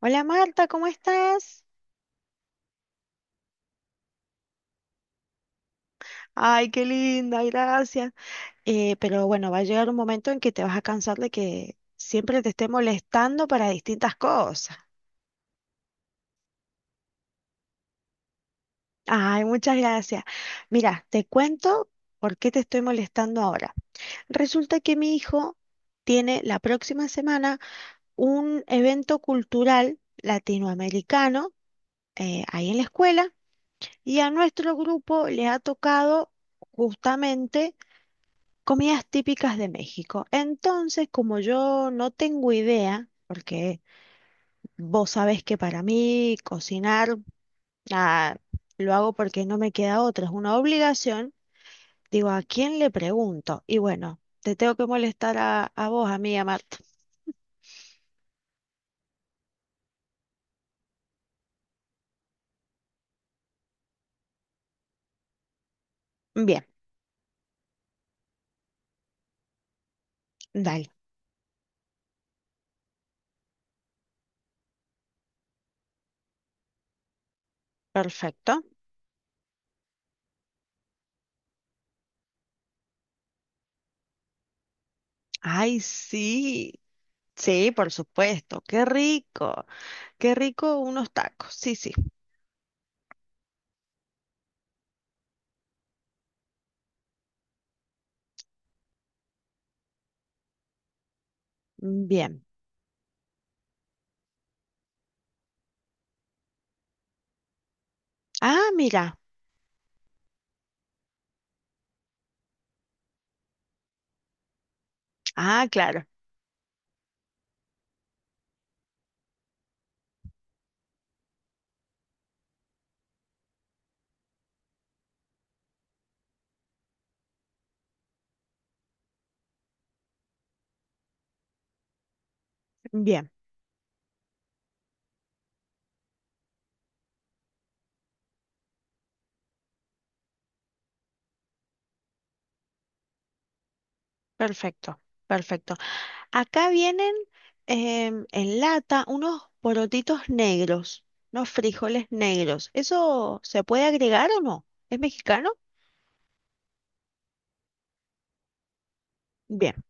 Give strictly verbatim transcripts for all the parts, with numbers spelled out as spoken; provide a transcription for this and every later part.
Hola Marta, ¿cómo estás? Ay, qué linda, gracias. Eh, pero bueno, va a llegar un momento en que te vas a cansar de que siempre te esté molestando para distintas cosas. Ay, muchas gracias. Mira, te cuento por qué te estoy molestando ahora. Resulta que mi hijo tiene la próxima semana un evento cultural latinoamericano eh, ahí en la escuela y a nuestro grupo le ha tocado justamente comidas típicas de México. Entonces, como yo no tengo idea, porque vos sabés que para mí cocinar, ah, lo hago porque no me queda otra, es una obligación, digo, ¿a quién le pregunto? Y bueno, te tengo que molestar a, a vos, a mí, a Marta. Bien, dale, perfecto. Ay, sí. Sí, por supuesto, qué rico, qué rico unos tacos, sí, sí, bien. Ah, mira, ah, claro, bien. Perfecto, perfecto. Acá vienen em, en lata unos porotitos negros, unos frijoles negros. ¿Eso se puede agregar o no? ¿Es mexicano? Bien.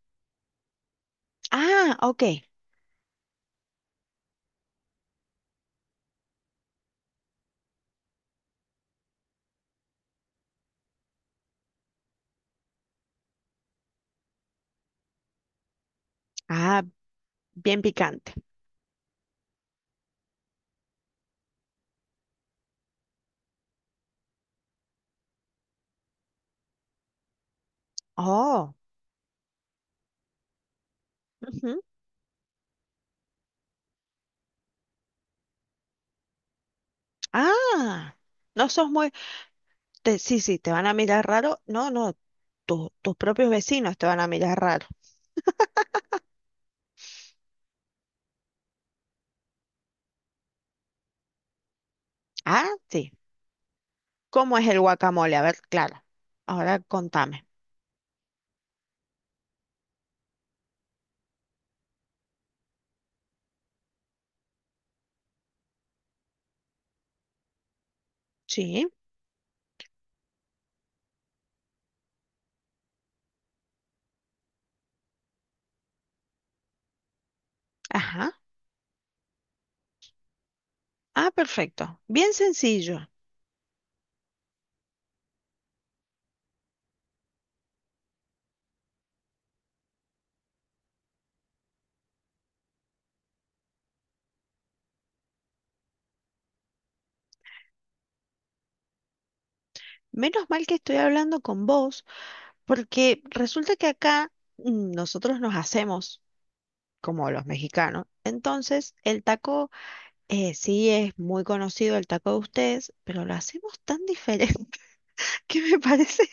Ah, ok. Ah, bien picante. Oh. Ujú. Ah, no sos muy... te- sí, sí, te van a mirar raro. No, no, tu- tus propios vecinos te van a mirar raro. Ah, sí. ¿Cómo es el guacamole? A ver, claro. Ahora contame. Sí. Ajá. Ah, perfecto. Bien sencillo. Menos mal que estoy hablando con vos, porque resulta que acá mm, nosotros nos hacemos como los mexicanos. Entonces, el taco eh, sí es muy conocido, el taco de ustedes, pero lo hacemos tan diferente que me parece,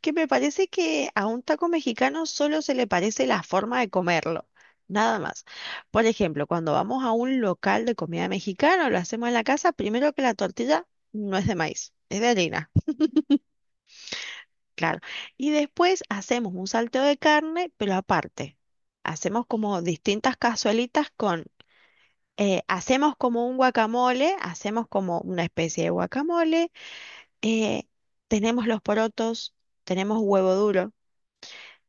que me parece que a un taco mexicano solo se le parece la forma de comerlo. Nada más. Por ejemplo, cuando vamos a un local de comida mexicana, o lo hacemos en la casa, primero que la tortilla no es de maíz, es de harina. Claro. Y después hacemos un salteo de carne, pero aparte, hacemos como distintas cazuelitas con, eh, hacemos como un guacamole, hacemos como una especie de guacamole, eh, tenemos los porotos, tenemos huevo duro,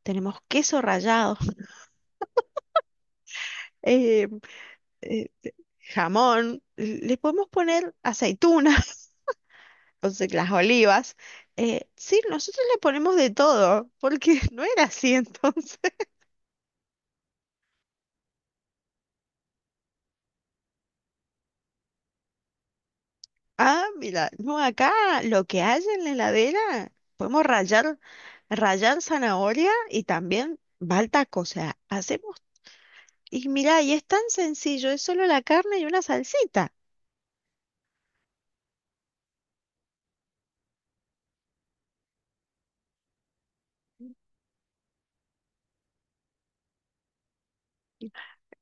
tenemos queso rallado, eh, eh, jamón, le podemos poner aceitunas, o sea, las olivas. Eh, sí, nosotros le ponemos de todo, porque no era así entonces. Ah, mira, no, acá lo que hay en la heladera, podemos rallar, rallar zanahoria y también va al taco. O sea, hacemos, y mira, y es tan sencillo, es solo la carne y una salsita.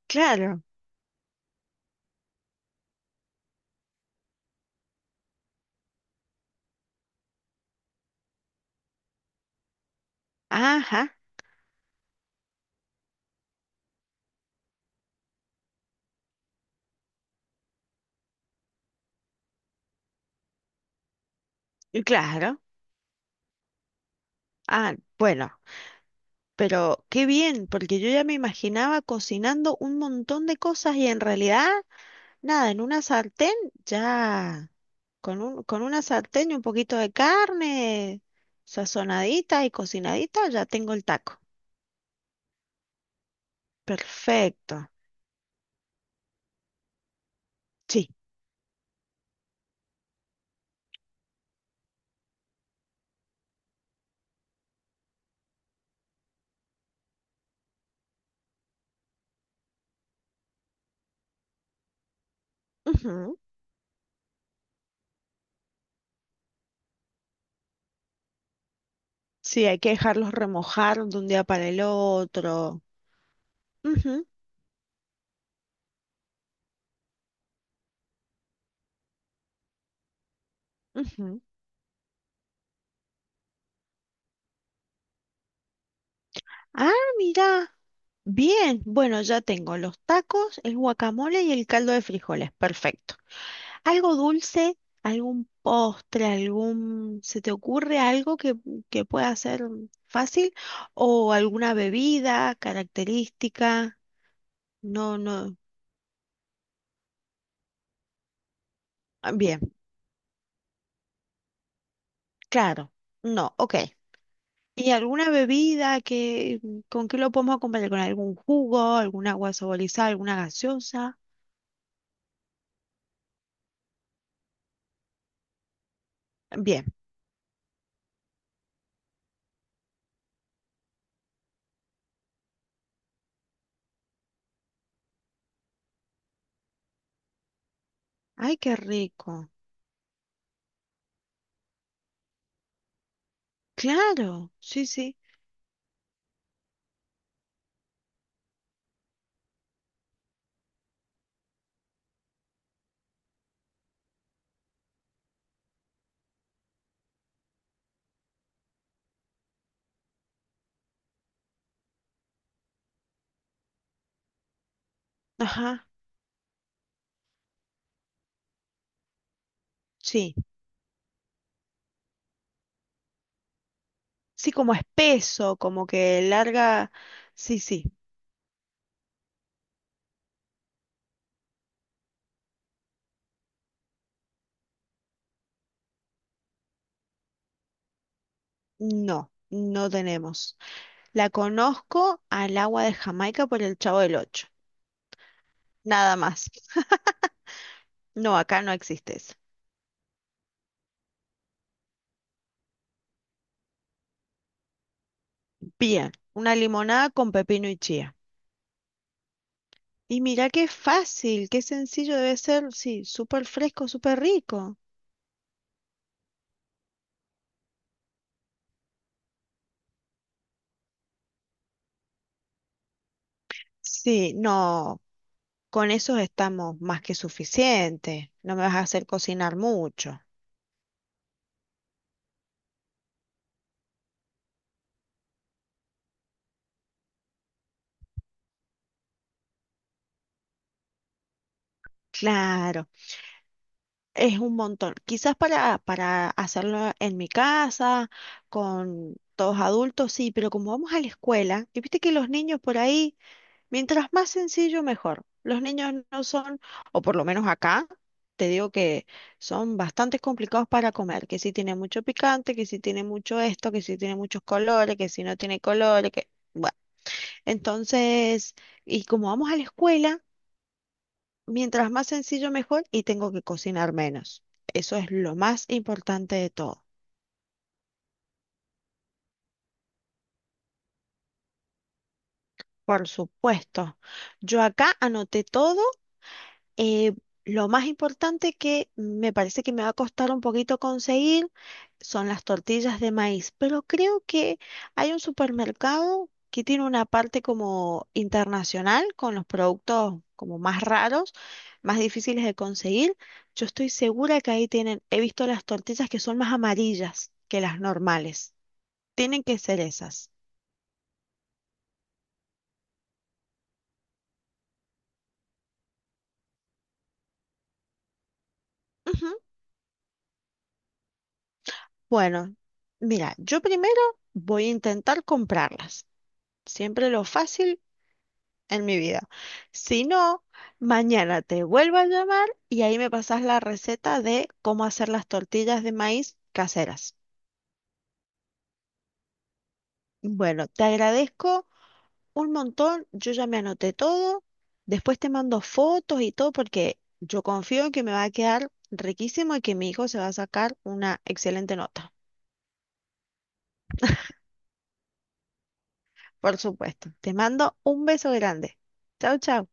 Claro, ajá, y claro. Ah, bueno, pero qué bien, porque yo ya me imaginaba cocinando un montón de cosas y en realidad, nada, en una sartén ya. Con un, con una sartén y un poquito de carne sazonadita y cocinadita, ya tengo el taco. Perfecto. Sí. Ujú. Sí, hay que dejarlos remojar de un día para el otro. Ujú, ujú. Ah, mira. Bien. Bueno, ya tengo los tacos, el guacamole y el caldo de frijoles. Perfecto. Algo dulce, algún postre, algún... ¿Se te ocurre algo que, que pueda ser fácil? ¿O alguna bebida característica? No, no. Ah, bien, claro. No, ok. ¿Y alguna bebida que, con qué lo podemos acompañar? ¿Con algún jugo, algún agua saborizada, alguna gaseosa? Bien. Ay, qué rico. Claro, sí, sí. Ajá, sí. Sí, como espeso, como que larga. Sí, sí. No, no tenemos. La conozco al agua de Jamaica por el Chavo del Ocho. Nada más. No, acá no existe eso. Bien, una limonada con pepino y chía. Y mira qué fácil, qué sencillo debe ser. Sí, súper fresco, súper rico. Sí, no, con eso estamos más que suficiente. No me vas a hacer cocinar mucho. Claro. Es un montón. Quizás para, para hacerlo en mi casa, con todos adultos, sí, pero como vamos a la escuela, y viste que los niños por ahí, mientras más sencillo, mejor. Los niños no son, o por lo menos acá, te digo que son bastante complicados para comer, que si tiene mucho picante, que si tiene mucho esto, que si tiene muchos colores, que si no tiene colores, que... Bueno, entonces, y como vamos a la escuela... Mientras más sencillo, mejor y tengo que cocinar menos. Eso es lo más importante de todo. Por supuesto. Yo acá anoté todo. eh, lo más importante que me parece que me va a costar un poquito conseguir son las tortillas de maíz, pero creo que hay un supermercado que tiene una parte como internacional con los productos como más raros, más difíciles de conseguir. Yo estoy segura que ahí tienen, he visto las tortillas que son más amarillas que las normales. Tienen que ser esas. Ujú. Bueno, mira, yo primero voy a intentar comprarlas. Siempre lo fácil en mi vida. Si no, mañana te vuelvo a llamar y ahí me pasas la receta de cómo hacer las tortillas de maíz caseras. Bueno, te agradezco un montón, yo ya me anoté todo, después te mando fotos y todo porque yo confío en que me va a quedar riquísimo y que mi hijo se va a sacar una excelente nota. Por supuesto, te mando un beso grande. Chao, chao.